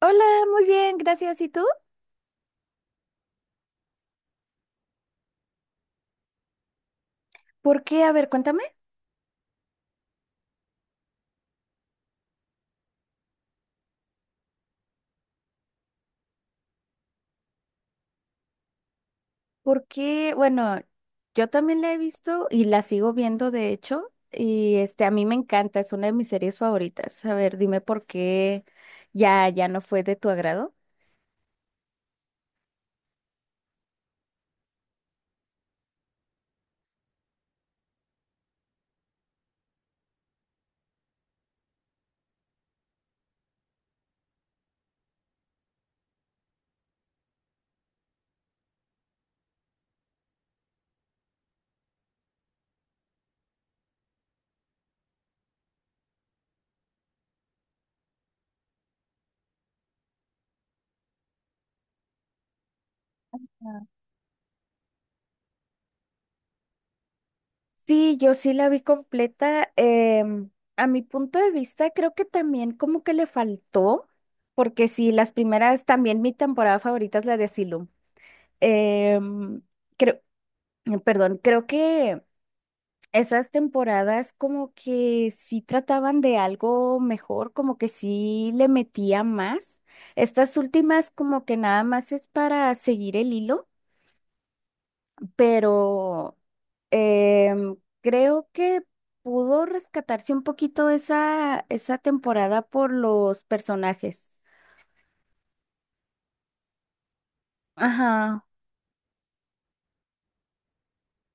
Hola, muy bien, gracias. ¿Y tú? ¿Por qué? A ver, cuéntame. ¿Por qué? Bueno, yo también la he visto y la sigo viendo, de hecho, y a mí me encanta, es una de mis series favoritas. A ver, dime por qué ya, ya no fue de tu agrado. Ah. Sí, yo sí la vi completa. A mi punto de vista, creo que también como que le faltó, porque sí, las primeras, también mi temporada favorita es la de Asylum. Em, creo, Perdón, creo que esas temporadas como que sí trataban de algo mejor, como que sí le metía más. Estas últimas como que nada más es para seguir el hilo, pero creo que pudo rescatarse un poquito esa temporada por los personajes. Ajá.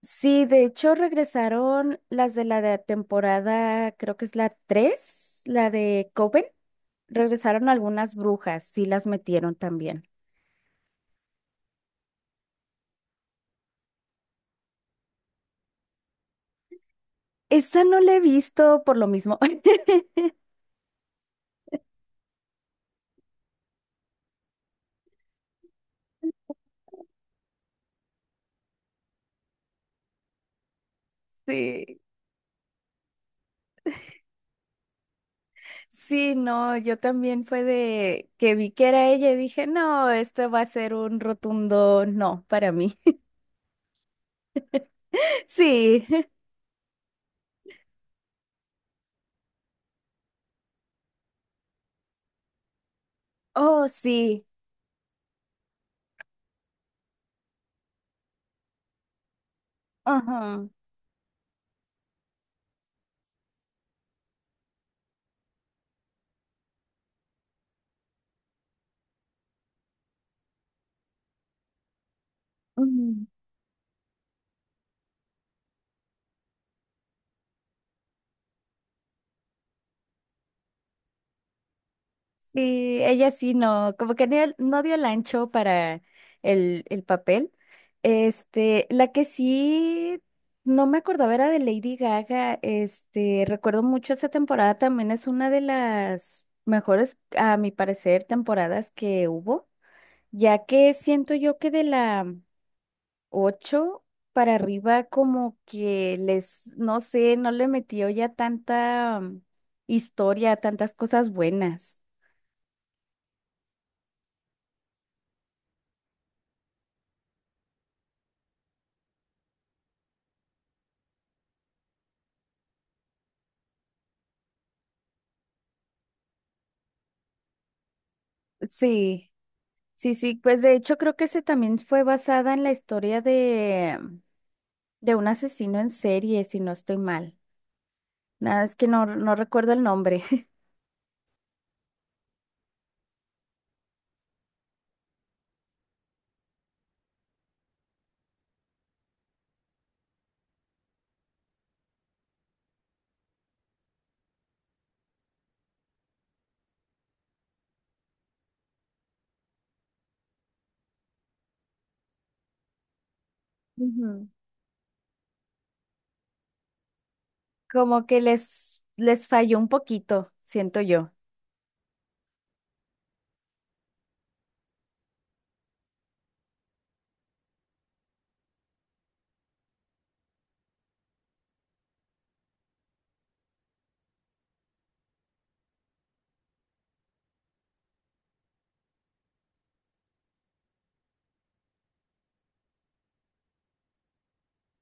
Sí, de hecho regresaron las de la de temporada, creo que es la 3, la de Coven. Regresaron algunas brujas, sí las metieron también. Esa no la he visto por lo mismo. Sí, sí, no, yo también fue de que vi que era ella y dije, no, esto va a ser un rotundo no para mí. Sí, oh, sí, ajá. Sí, ella sí no, como que no dio el ancho para el papel. La que sí no me acordaba era de Lady Gaga. Recuerdo mucho esa temporada, también es una de las mejores, a mi parecer, temporadas que hubo, ya que siento yo que de la 8 para arriba como que les, no sé, no le metió ya tanta historia, tantas cosas buenas. Sí. Sí, sí, pues de hecho creo que ese también fue basada en la historia de un asesino en serie, si no estoy mal. Nada, es que no, no recuerdo el nombre. Ujú. Como que les falló un poquito, siento yo.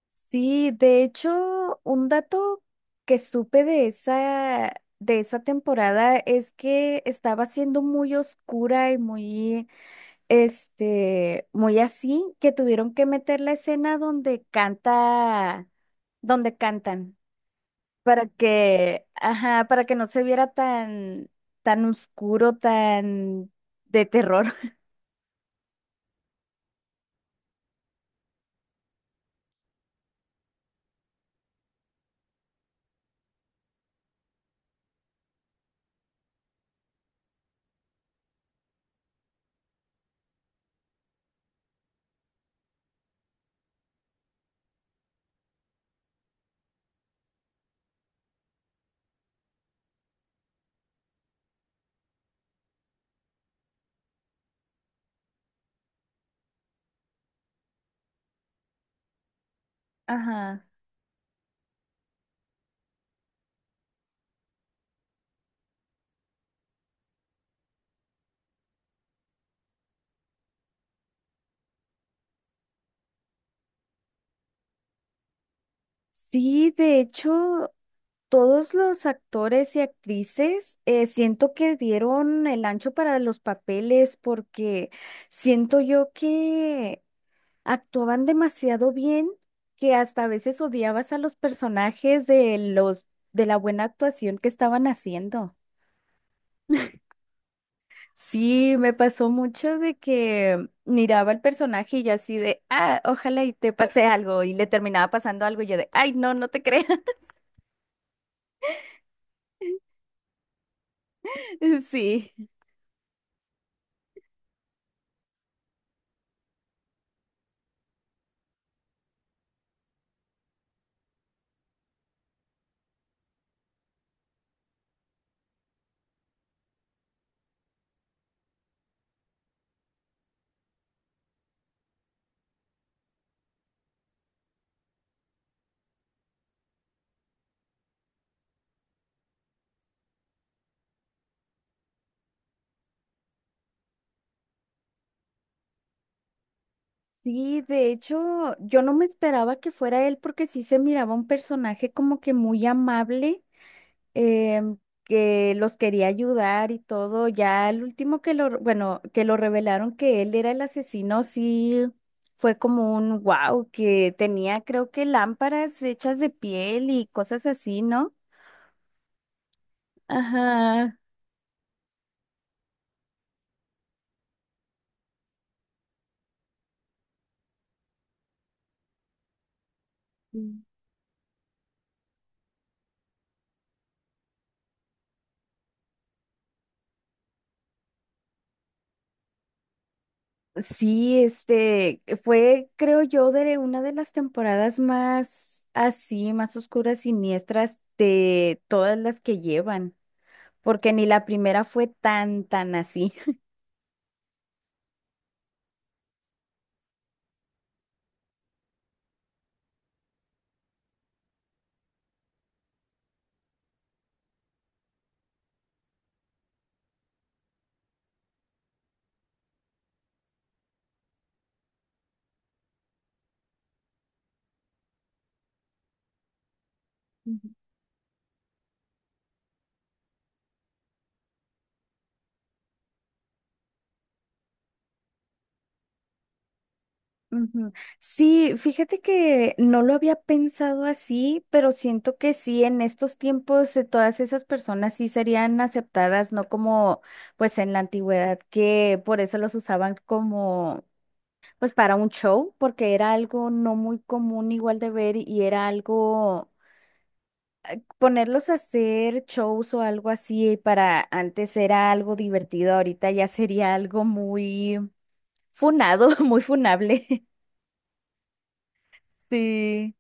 Sí, de hecho, un dato que supe de esa temporada es que estaba siendo muy oscura y muy, muy así, que tuvieron que meter la escena donde canta, donde cantan, para que, ajá, para que no se viera tan, tan oscuro, tan de terror. Ajá. Sí, de hecho, todos los actores y actrices siento que dieron el ancho para los papeles porque siento yo que actuaban demasiado bien que hasta a veces odiabas a los personajes de los de la buena actuación que estaban haciendo. Sí, me pasó mucho de que miraba al personaje y yo así de, ah, ojalá y te pase algo y le terminaba pasando algo y yo de, ay, no, no te creas. Sí. Sí, de hecho, yo no me esperaba que fuera él porque sí se miraba un personaje como que muy amable em, que los quería ayudar y todo. Ya el último bueno, que lo revelaron que él era el asesino, sí fue como un wow, que tenía creo que lámparas hechas de piel y cosas así, ¿no? Ajá. Mm. Sí, este fue, creo yo, de una de las temporadas más así, más oscuras, siniestras de todas las que llevan, porque ni la primera fue tan, tan así. Ujú. Sí, fíjate que no lo había pensado así, pero siento que sí, en estos tiempos todas esas personas sí serían aceptadas, no como pues en la antigüedad, que por eso los usaban como pues para un show, porque era algo no muy común igual de ver y era algo ponerlos a hacer shows o algo así para antes era algo divertido, ahorita ya sería algo muy funado, muy funable. Sí.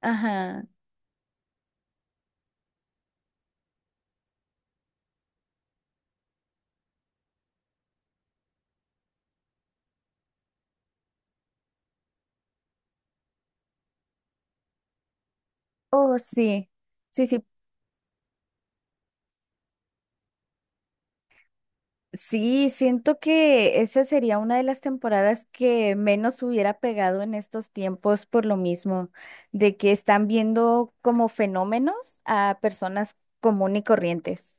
Ajá. Oh, sí, sí, sí, sí, siento que esa sería una de las temporadas que menos hubiera pegado en estos tiempos por lo mismo, de que están viendo como fenómenos a personas común y corrientes.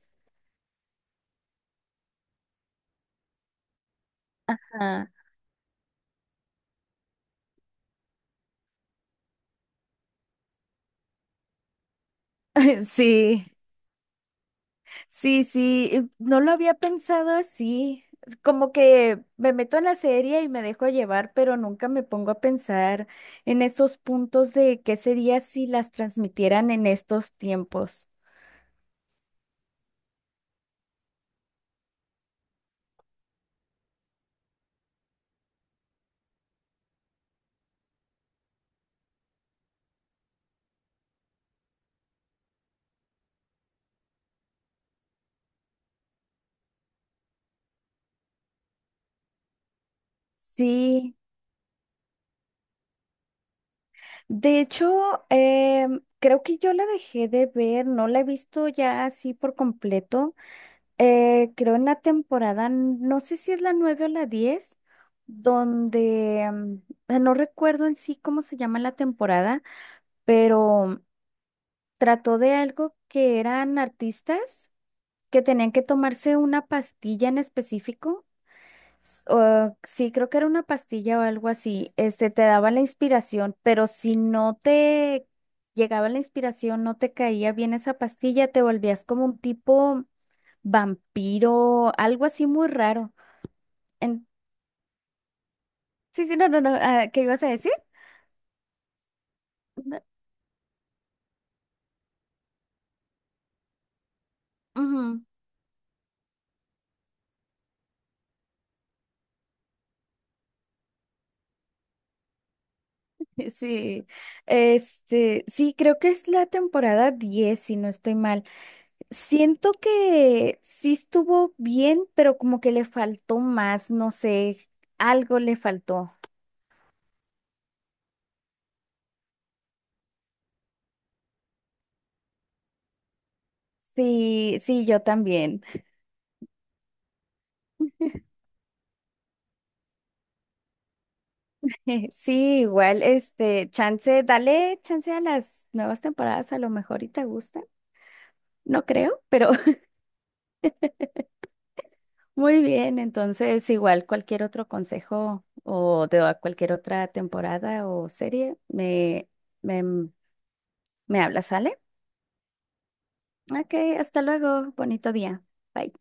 Ah, sí, sí, sí, no lo había pensado así. Es como que me meto en la serie y me dejo llevar, pero nunca me pongo a pensar en estos puntos de qué sería si las transmitieran en estos tiempos. Sí, de hecho, creo que yo la dejé de ver, no la he visto ya así por completo. Creo en la temporada, no sé si es la 9 o la 10, donde no recuerdo en sí cómo se llama la temporada, pero trató de algo que eran artistas que tenían que tomarse una pastilla en específico. Sí, creo que era una pastilla o algo así. Este, te daba la inspiración, pero si no te llegaba la inspiración, no te caía bien esa pastilla, te volvías como un tipo vampiro, algo así muy raro. En- sí, sí, no, no, no. Ah, ¿qué ibas a decir? No, ujú, sí, sí, creo que es la temporada 10 si no estoy mal. Siento que sí estuvo bien, pero como que le faltó más, no sé, algo le faltó. Sí, sí, yo también. Sí, igual, chance, dale chance a las nuevas temporadas, a lo mejor y te gusta. No creo, pero muy bien. Entonces, igual cualquier otro consejo o de a cualquier otra temporada o serie, me, me hablas, ¿sale? Ok, hasta luego, bonito día. Bye.